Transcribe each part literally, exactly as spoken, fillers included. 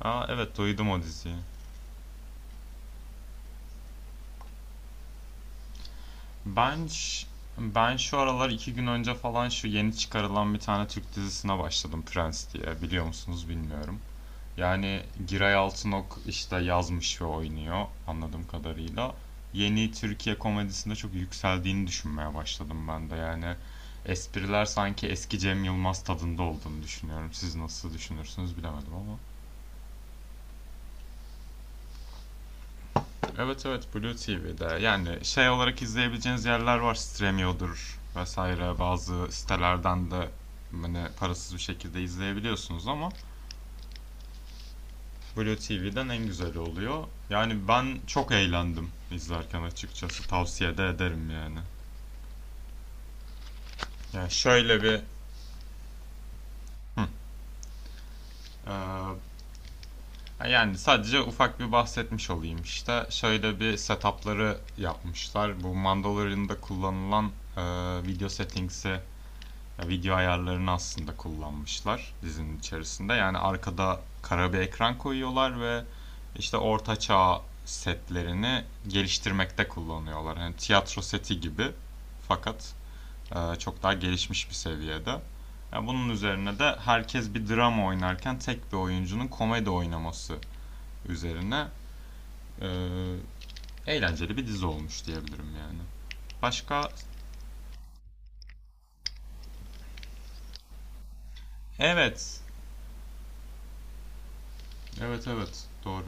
Aa, evet, duydum o diziyi. Ben ş- ben şu aralar iki gün önce falan şu yeni çıkarılan bir tane Türk dizisine başladım, Prens diye. Biliyor musunuz bilmiyorum. Yani Giray Altınok işte yazmış ve oynuyor anladığım kadarıyla. Yeni Türkiye komedisinde çok yükseldiğini düşünmeye başladım ben de. Yani espriler sanki eski Cem Yılmaz tadında olduğunu düşünüyorum. Siz nasıl düşünürsünüz bilemedim ama. Evet, evet, Blue T V'de, yani şey olarak izleyebileceğiniz yerler var, Stremio'dur vesaire, bazı sitelerden de hani parasız bir şekilde izleyebiliyorsunuz ama Blue T V'den en güzeli oluyor. Yani ben çok eğlendim izlerken, açıkçası tavsiye de ederim yani. Yani şöyle bir. Hı. Ee, yani sadece ufak bir bahsetmiş olayım işte. Şöyle bir setupları yapmışlar. Bu Mandalorian'da kullanılan e, video settings'i, ya video ayarlarını aslında kullanmışlar dizinin içerisinde. Yani arkada kara bir ekran koyuyorlar ve işte orta çağ setlerini geliştirmekte kullanıyorlar. Hani tiyatro seti gibi, fakat e, çok daha gelişmiş bir seviyede. Ya bunun üzerine de herkes bir drama oynarken tek bir oyuncunun komedi oynaması üzerine e, eğlenceli bir dizi olmuş diyebilirim yani. Başka? Evet. Evet, evet, doğru.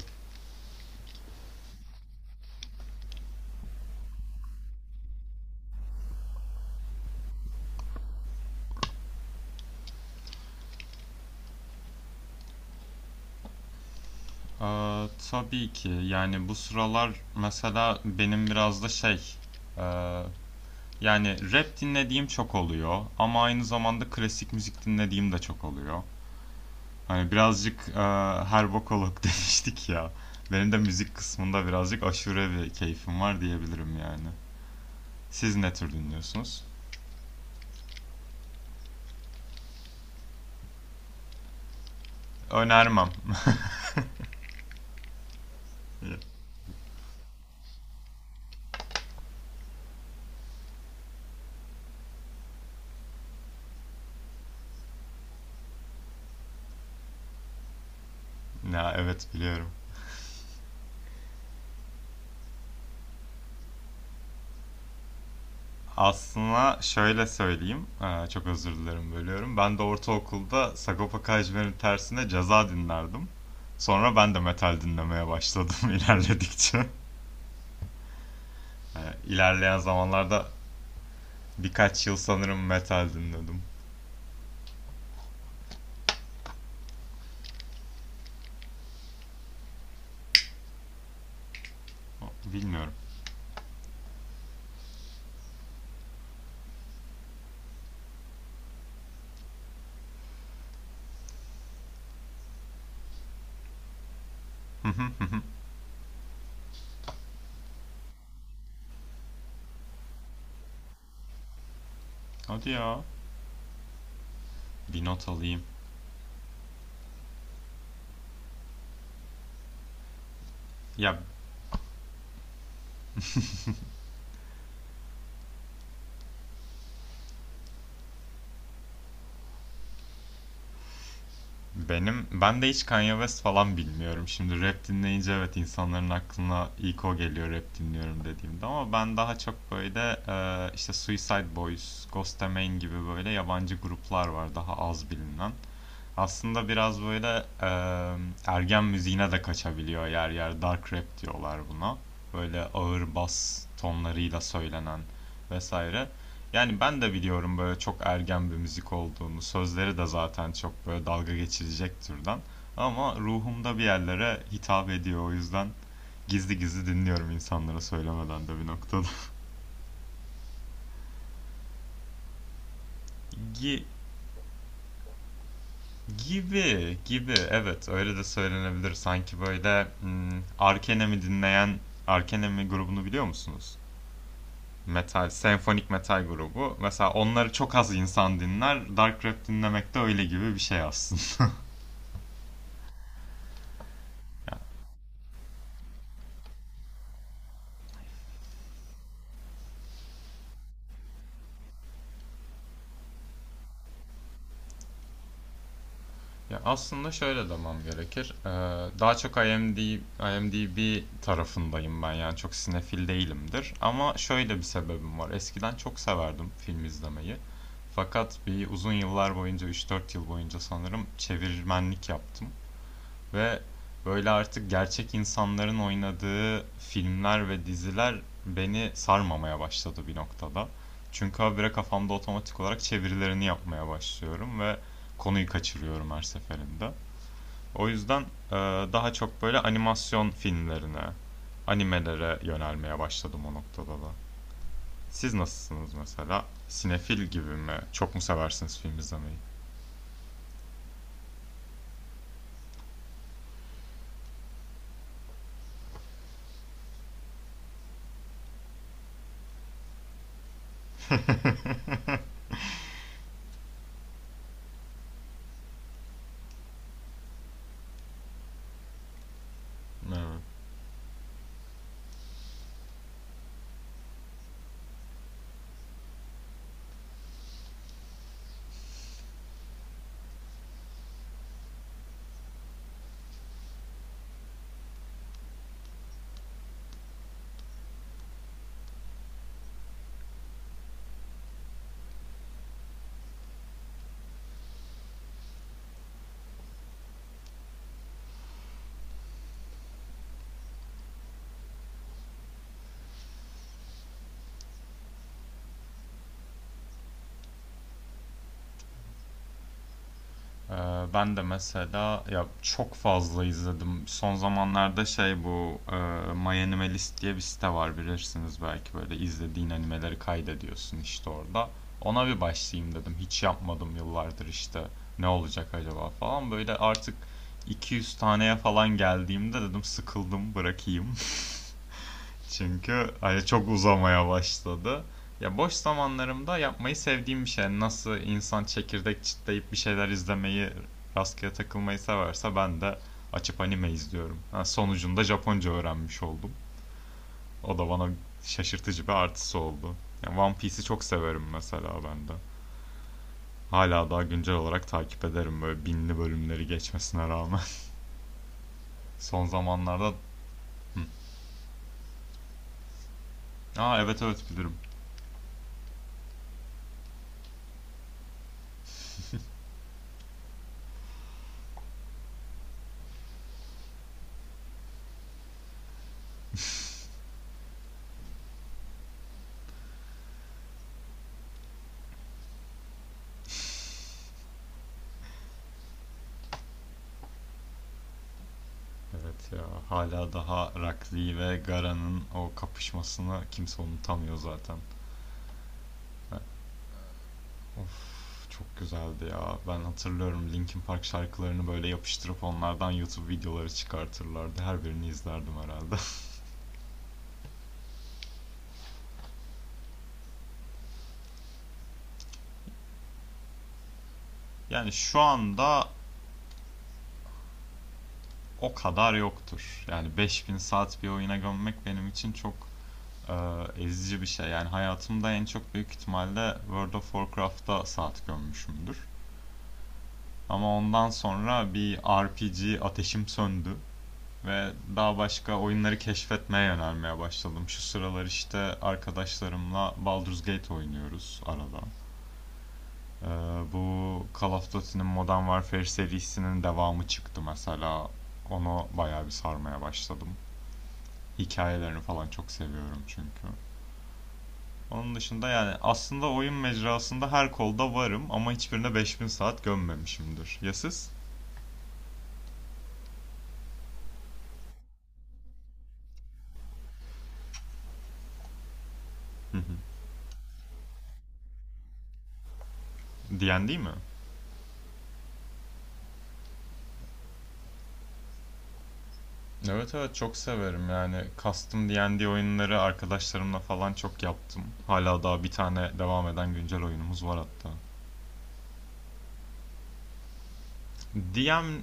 Ee, tabii ki, yani bu sıralar mesela benim biraz da şey e, yani rap dinlediğim çok oluyor ama aynı zamanda klasik müzik dinlediğim de çok oluyor. Hani birazcık e, her bokolog demiştik ya. Benim de müzik kısmında birazcık aşure bir keyfim var diyebilirim yani. Siz ne tür dinliyorsunuz? Önermem. Ya, evet, biliyorum. Aslında şöyle söyleyeyim, eee, çok özür dilerim bölüyorum. Ben de ortaokulda Sagopa Kajmer'in tersine Ceza dinlerdim. Sonra ben de metal dinlemeye başladım ilerledikçe. Eee, İlerleyen zamanlarda birkaç yıl sanırım metal dinledim. Bilmiyorum. Hadi ya. Bir not alayım. Ya, Benim ben de hiç Kanye West falan bilmiyorum. Şimdi rap dinleyince evet insanların aklına ilk o geliyor rap dinliyorum dediğimde, ama ben daha çok böyle e, işte Suicide Boys, Ghost Amine gibi böyle yabancı gruplar var daha az bilinen. Aslında biraz böyle e, ergen müziğine de kaçabiliyor yer yer. Dark rap diyorlar buna. Böyle ağır bas tonlarıyla söylenen vesaire. Yani ben de biliyorum böyle çok ergen bir müzik olduğunu. Sözleri de zaten çok böyle dalga geçirecek türden. Ama ruhumda bir yerlere hitap ediyor. O yüzden gizli gizli dinliyorum, insanlara söylemeden de bir noktada. Gi- Gibi gibi, evet, öyle de söylenebilir. Sanki böyle hmm, Arkenem'i dinleyen Arkenemi grubunu biliyor musunuz? Metal, senfonik metal grubu. Mesela onları çok az insan dinler. Dark rap dinlemek de öyle gibi bir şey aslında. Ya aslında şöyle demem gerekir. Ee, daha çok IMD, IMDb tarafındayım ben, yani çok sinefil değilimdir. Ama şöyle bir sebebim var. Eskiden çok severdim film izlemeyi. Fakat bir uzun yıllar boyunca, üç dört yıl boyunca sanırım, çevirmenlik yaptım. Ve böyle artık gerçek insanların oynadığı filmler ve diziler beni sarmamaya başladı bir noktada. Çünkü habire kafamda otomatik olarak çevirilerini yapmaya başlıyorum ve konuyu kaçırıyorum her seferinde. O yüzden e, daha çok böyle animasyon filmlerine, animelere yönelmeye başladım o noktada da. Siz nasılsınız mesela? Sinefil gibi mi? Çok mu seversiniz film izlemeyi? Evet. Ee, ben de mesela ya çok fazla izledim. Son zamanlarda şey, bu e, My Animalist diye bir site var, bilirsiniz belki, böyle izlediğin animeleri kaydediyorsun işte orada. Ona bir başlayayım dedim. Hiç yapmadım yıllardır işte. Ne olacak acaba falan. Böyle artık iki yüz taneye falan geldiğimde dedim sıkıldım bırakayım. Çünkü hani çok uzamaya başladı. Ya boş zamanlarımda yapmayı sevdiğim bir şey. Yani nasıl insan çekirdek çitleyip bir şeyler izlemeyi, rastgele takılmayı severse, ben de açıp anime izliyorum. Ha, sonucunda Japonca öğrenmiş oldum. O da bana şaşırtıcı bir artısı oldu. Yani One Piece'i çok severim mesela ben de. Hala daha güncel olarak takip ederim böyle binli bölümleri geçmesine rağmen. Son zamanlarda. Hı. Aa, evet, evet, bilirim. Evet ya, hala daha Rakli ve Gara'nın o kapışmasını kimse unutamıyor zaten. Ha, of, çok güzeldi ya. Ben hatırlıyorum Linkin Park şarkılarını böyle yapıştırıp onlardan YouTube videoları çıkartırlardı. Her birini izlerdim herhalde. Yani şu anda o kadar yoktur. Yani beş bin saat bir oyuna gömmek benim için çok e, ezici bir şey. Yani hayatımda en çok büyük ihtimalle World of Warcraft'ta saat gömmüşümdür. Ama ondan sonra bir R P G ateşim söndü. Ve daha başka oyunları keşfetmeye yönelmeye başladım. Şu sıralar işte arkadaşlarımla Baldur's Gate oynuyoruz arada. Ee, Bu Call of Duty'nin Modern Warfare serisinin devamı çıktı mesela. Onu bayağı bir sarmaya başladım. Hikayelerini falan çok seviyorum çünkü. Onun dışında yani aslında oyun mecrasında her kolda varım ama hiçbirine beş bin saat gömmemişimdir. Ya siz? Diyen değil mi? Evet, evet, çok severim, yani custom D ve D oyunları arkadaşlarımla falan çok yaptım. Hala daha bir tane devam eden güncel oyunumuz var hatta. DM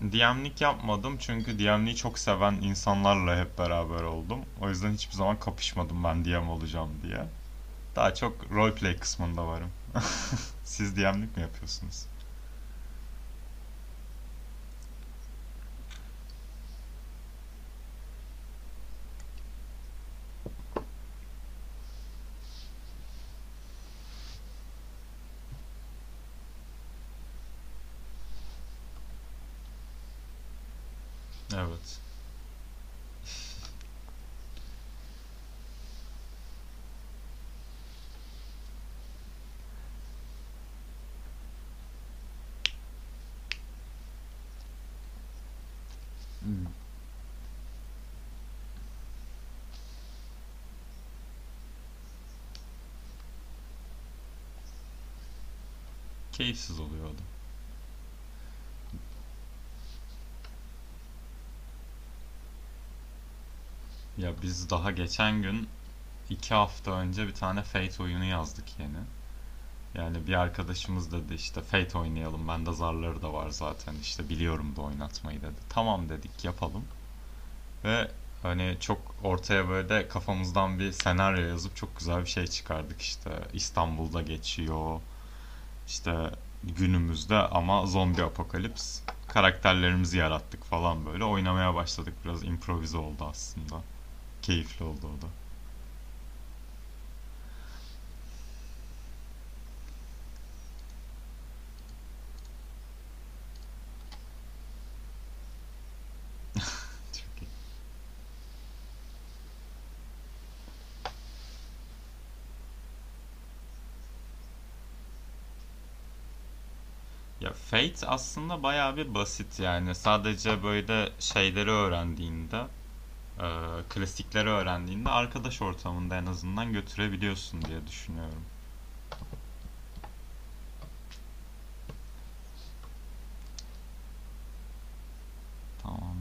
D M'lik yapmadım çünkü D M'liği çok seven insanlarla hep beraber oldum. O yüzden hiçbir zaman kapışmadım, ben D M olacağım diye. Daha çok roleplay kısmında varım. Siz D M'lik mi yapıyorsunuz? Evet. Hmm. Keyifsiz oluyordu. Ya biz daha geçen gün, iki hafta önce, bir tane Fate oyunu yazdık yeni. Yani bir arkadaşımız dedi işte Fate oynayalım. Bende zarları da var zaten, işte biliyorum da oynatmayı, dedi. Tamam, dedik, yapalım. Ve hani çok ortaya böyle de kafamızdan bir senaryo yazıp çok güzel bir şey çıkardık işte. İstanbul'da geçiyor, işte günümüzde, ama zombi apokalips. Karakterlerimizi yarattık falan böyle. Oynamaya başladık. Biraz improvize oldu aslında. Keyifli oldu o da. Ya Fate aslında bayağı bir basit yani. Sadece böyle şeyleri öğrendiğinde, e, klasikleri öğrendiğinde arkadaş ortamında en azından götürebiliyorsun diye düşünüyorum. Tamam.